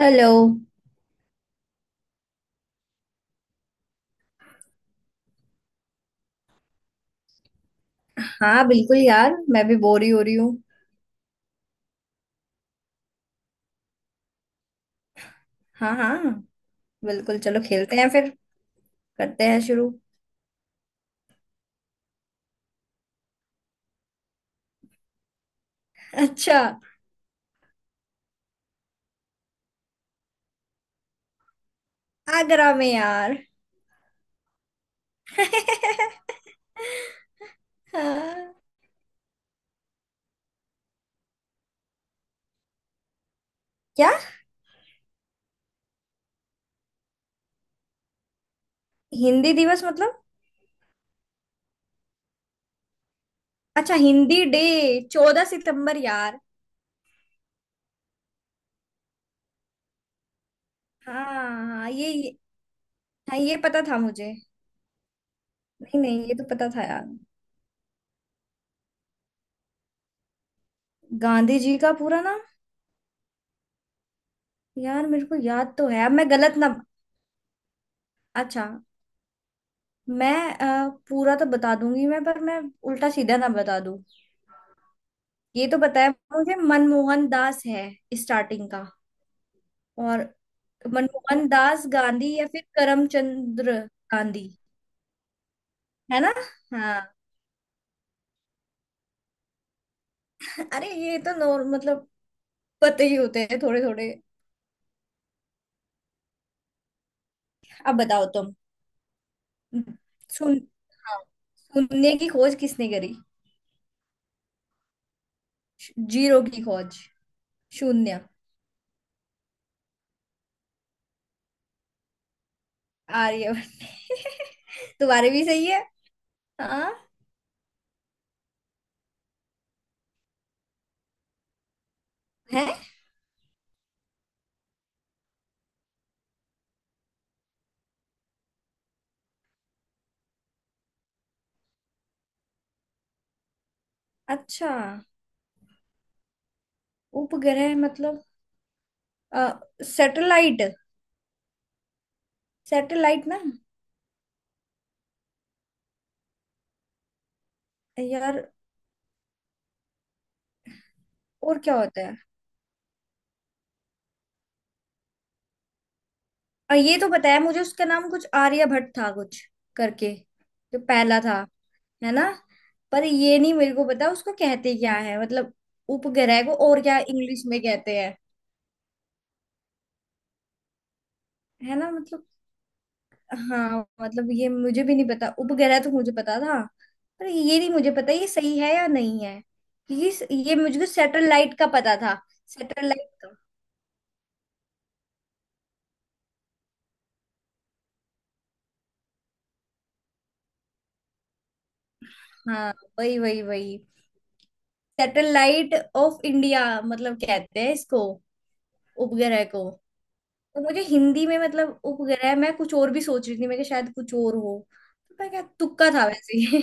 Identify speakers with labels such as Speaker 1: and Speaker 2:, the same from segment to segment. Speaker 1: Hello. हाँ बिल्कुल यार, मैं भी बोर ही हो रही हूँ। हाँ हाँ, बिल्कुल चलो खेलते हैं फिर, करते हैं शुरू। अच्छा, आगरा में यार। हाँ, क्या? हिंदी दिवस मतलब? अच्छा हिंदी डे, 14 सितंबर यार। हाँ हाँ, हाँ ये पता था मुझे। नहीं नहीं, ये तो पता था यार। गांधी जी का पूरा नाम? यार, मेरे को याद तो है, अब मैं गलत ना? अच्छा, मैं पूरा तो बता दूंगी मैं, पर मैं उल्टा सीधा ना बता दूं। ये तो बताया मुझे, मनमोहन दास है, स्टार्टिंग का। और मनमोहन दास गांधी या फिर करमचंद्र गांधी, है ना? हाँ, अरे ये तो नॉर मतलब, पते ही होते हैं थोड़े थोड़े। अब बताओ तुम, सुन, हाँ, शून्य की खोज किसने करी? जीरो की खोज, शून्य, आर्यभट्ट तुम्हारे भी सही है। हाँ, है अच्छा। उपग्रह मतलब सैटेलाइट। सैटेलाइट ना यार, और क्या होता है? और ये तो बताया मुझे, उसका नाम कुछ आर्यभट्ट था कुछ करके, जो पहला था, है ना? पर ये नहीं मेरे को पता, उसको कहते क्या है मतलब, उपग्रह को और क्या इंग्लिश में कहते हैं? है ना मतलब। हाँ मतलब, ये मुझे भी नहीं पता, उपग्रह तो मुझे पता था, पर ये नहीं मुझे पता ये सही है या नहीं है। ये ये मुझको सैटेलाइट का पता था। सैटेलाइट का, हाँ वही वही वही। सैटेलाइट ऑफ इंडिया मतलब कहते हैं इसको, उपग्रह को। तो मुझे हिंदी में मतलब उप गया है, मैं कुछ और भी सोच रही थी मैं कि शायद कुछ और हो। तो मैं, क्या तुक्का था वैसे ही।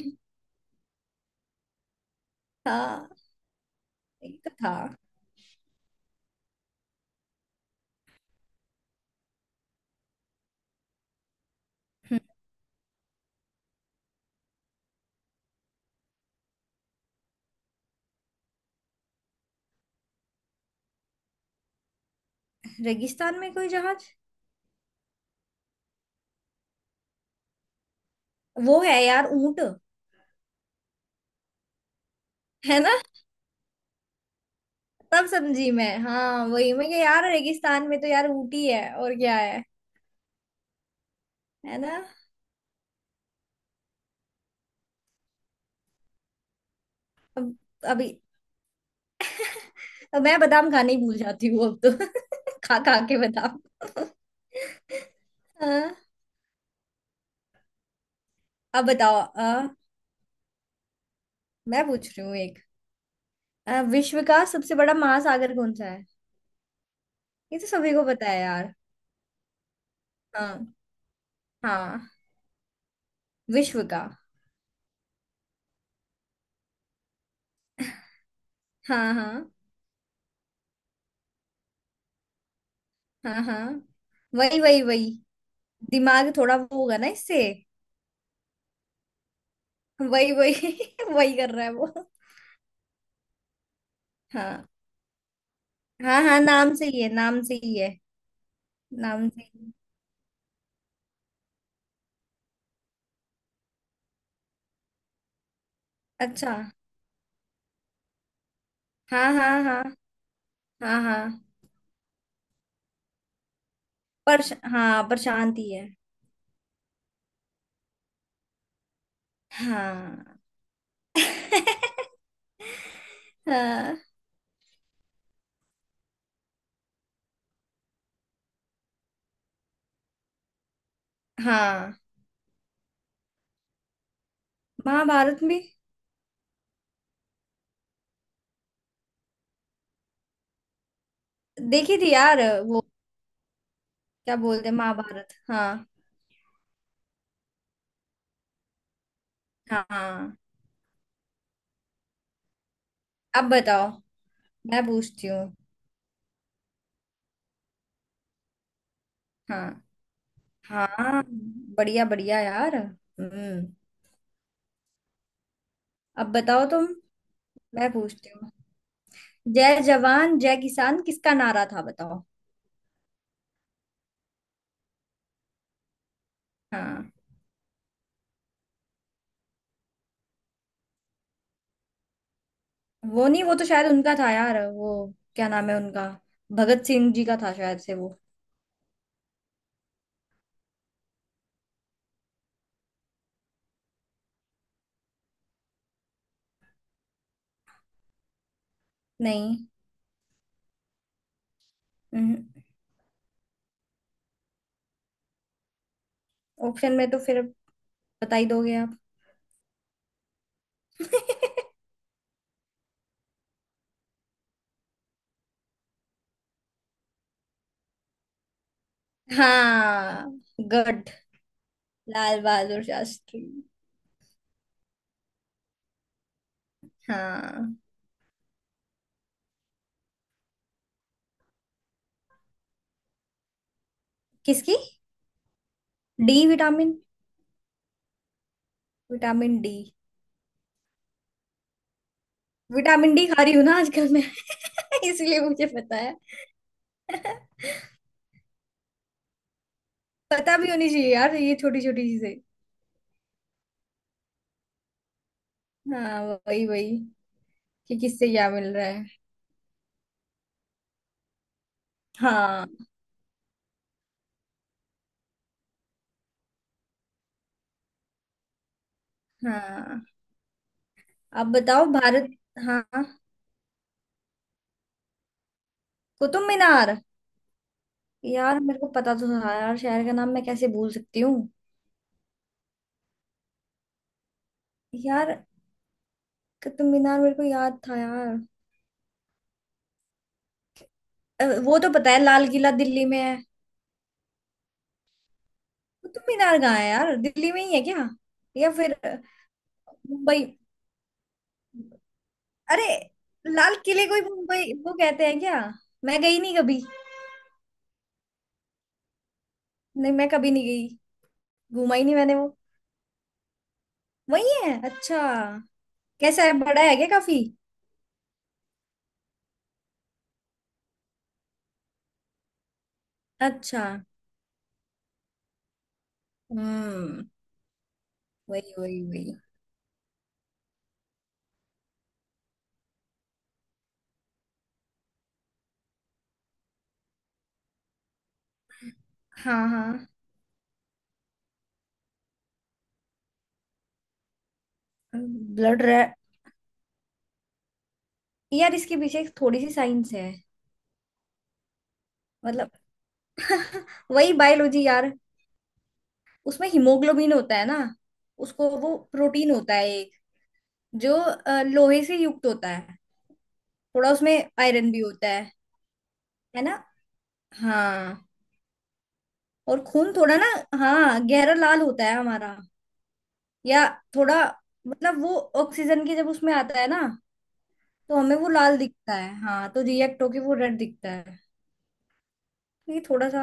Speaker 1: हाँ, यही तो था। हम्म, रेगिस्तान में कोई जहाज? वो है यार, ऊंट। है ना, तब समझी मैं। हाँ वही मैं कि यार रेगिस्तान में तो यार ऊंट ही है, और क्या है? है ना। अब, अभी, अब मैं बादाम खाने ही भूल जाती हूँ अब तो। खा खा के बादाम। हाँ। अब बताओ मैं पूछ रही हूँ एक, विश्व का सबसे बड़ा महासागर कौन सा है? ये तो सभी को पता है यार। हाँ हाँ, विश्व का, हाँ हाँ हाँ। हाँ वही वही वही, दिमाग थोड़ा वो होगा ना इससे। वही वही वही कर रहा है वो। हाँ हाँ, हाँ नाम से ही है, नाम से ही है, नाम से ही। अच्छा, हाँ हाँ हाँ। हाँ हाँ पर, हाँ पर शांति है। हाँ हाँ हाँ। महाभारत में देखी थी यार वो, क्या बोलते हैं, महाभारत हाँ। हाँ हाँ। अब बताओ, मैं पूछती हूँ। हाँ हाँ, बढ़िया बढ़िया यार, हम्म। अब बताओ तुम, मैं पूछती हूँ। जय जवान जय किसान किसका नारा था, बताओ। हाँ, वो नहीं, वो तो शायद उनका था यार वो, क्या नाम है उनका, भगत सिंह जी का था शायद से वो। नहीं, ऑप्शन में तो फिर बता ही दोगे आप। हाँ गुड, लाल बहादुर शास्त्री। हाँ किसकी? D vitamin, vitamin D. Vitamin D खा रही हूँ ना आजकल मैं इसलिए मुझे पता है। पता भी होनी चाहिए यार, ये छोटी छोटी चीजें। हाँ वही वही, कि किससे क्या मिल रहा है। हाँ हाँ। अब बताओ भारत, हाँ, कुतुब मीनार। यार मेरे को पता तो था यार, शहर का नाम मैं कैसे भूल सकती हूँ? यार, कुतुब मीनार मेरे को याद था यार। वो तो पता है लाल किला दिल्ली में है। कुतुब मीनार कहाँ है यार, दिल्ली में ही है क्या? या फिर मुंबई? अरे, लाल किले को ही मुंबई वो कहते हैं क्या? मैं गई नहीं कभी। नहीं, मैं कभी नहीं गई, घूमा ही नहीं मैंने वो। वही है, अच्छा। कैसा है, बड़ा है क्या काफी? अच्छा, हम्म, वही वही वही। हाँ हाँ, ब्लड रेड? यार इसके पीछे एक थोड़ी सी साइंस है, मतलब। वही बायोलॉजी यार। उसमें हीमोग्लोबिन होता है ना, उसको वो प्रोटीन होता है एक, जो लोहे से युक्त होता है, थोड़ा उसमें आयरन भी होता है ना? हाँ। और खून थोड़ा ना, हाँ गहरा लाल होता है हमारा, या थोड़ा, मतलब वो ऑक्सीजन के जब उसमें आता है ना, तो हमें वो लाल दिखता है, हाँ तो रिएक्ट होके वो रेड दिखता है। तो ये थोड़ा सा,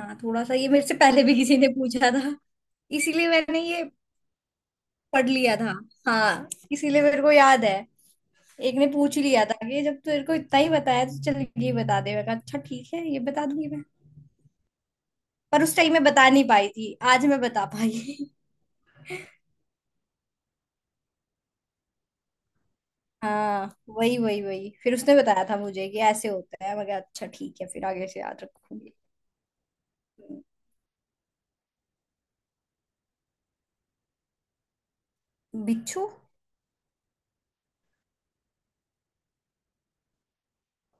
Speaker 1: हाँ थोड़ा सा ये, मेरे से पहले भी किसी ने पूछा था, इसीलिए मैंने ये पढ़ लिया था, हाँ इसीलिए मेरे को याद है। एक ने पूछ ही लिया था कि जब तेरे को इतना ही बताया तो चल ये बता दे, मैं कहा अच्छा ठीक है, ये बता दूंगी मैं, पर उस टाइम मैं बता नहीं पाई थी, आज मैं बता पाई। हाँ वही वही वही, फिर उसने बताया था मुझे कि ऐसे होता है, मैं कहा अच्छा ठीक है, फिर आगे से याद रखूंगी। बिच्छू?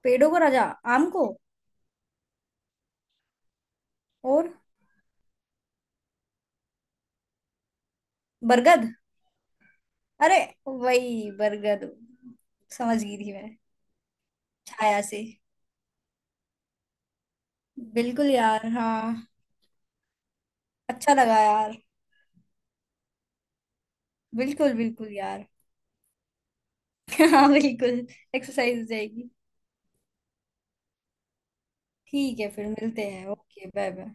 Speaker 1: पेड़ों का राजा, आम को? और बरगद, अरे वही बरगद, समझ गई थी मैं। छाया से, बिल्कुल यार, हाँ। अच्छा लगा यार, बिल्कुल बिल्कुल यार। हाँ बिल्कुल, एक्सरसाइज हो जाएगी। ठीक है फिर, मिलते हैं, ओके बाय बाय।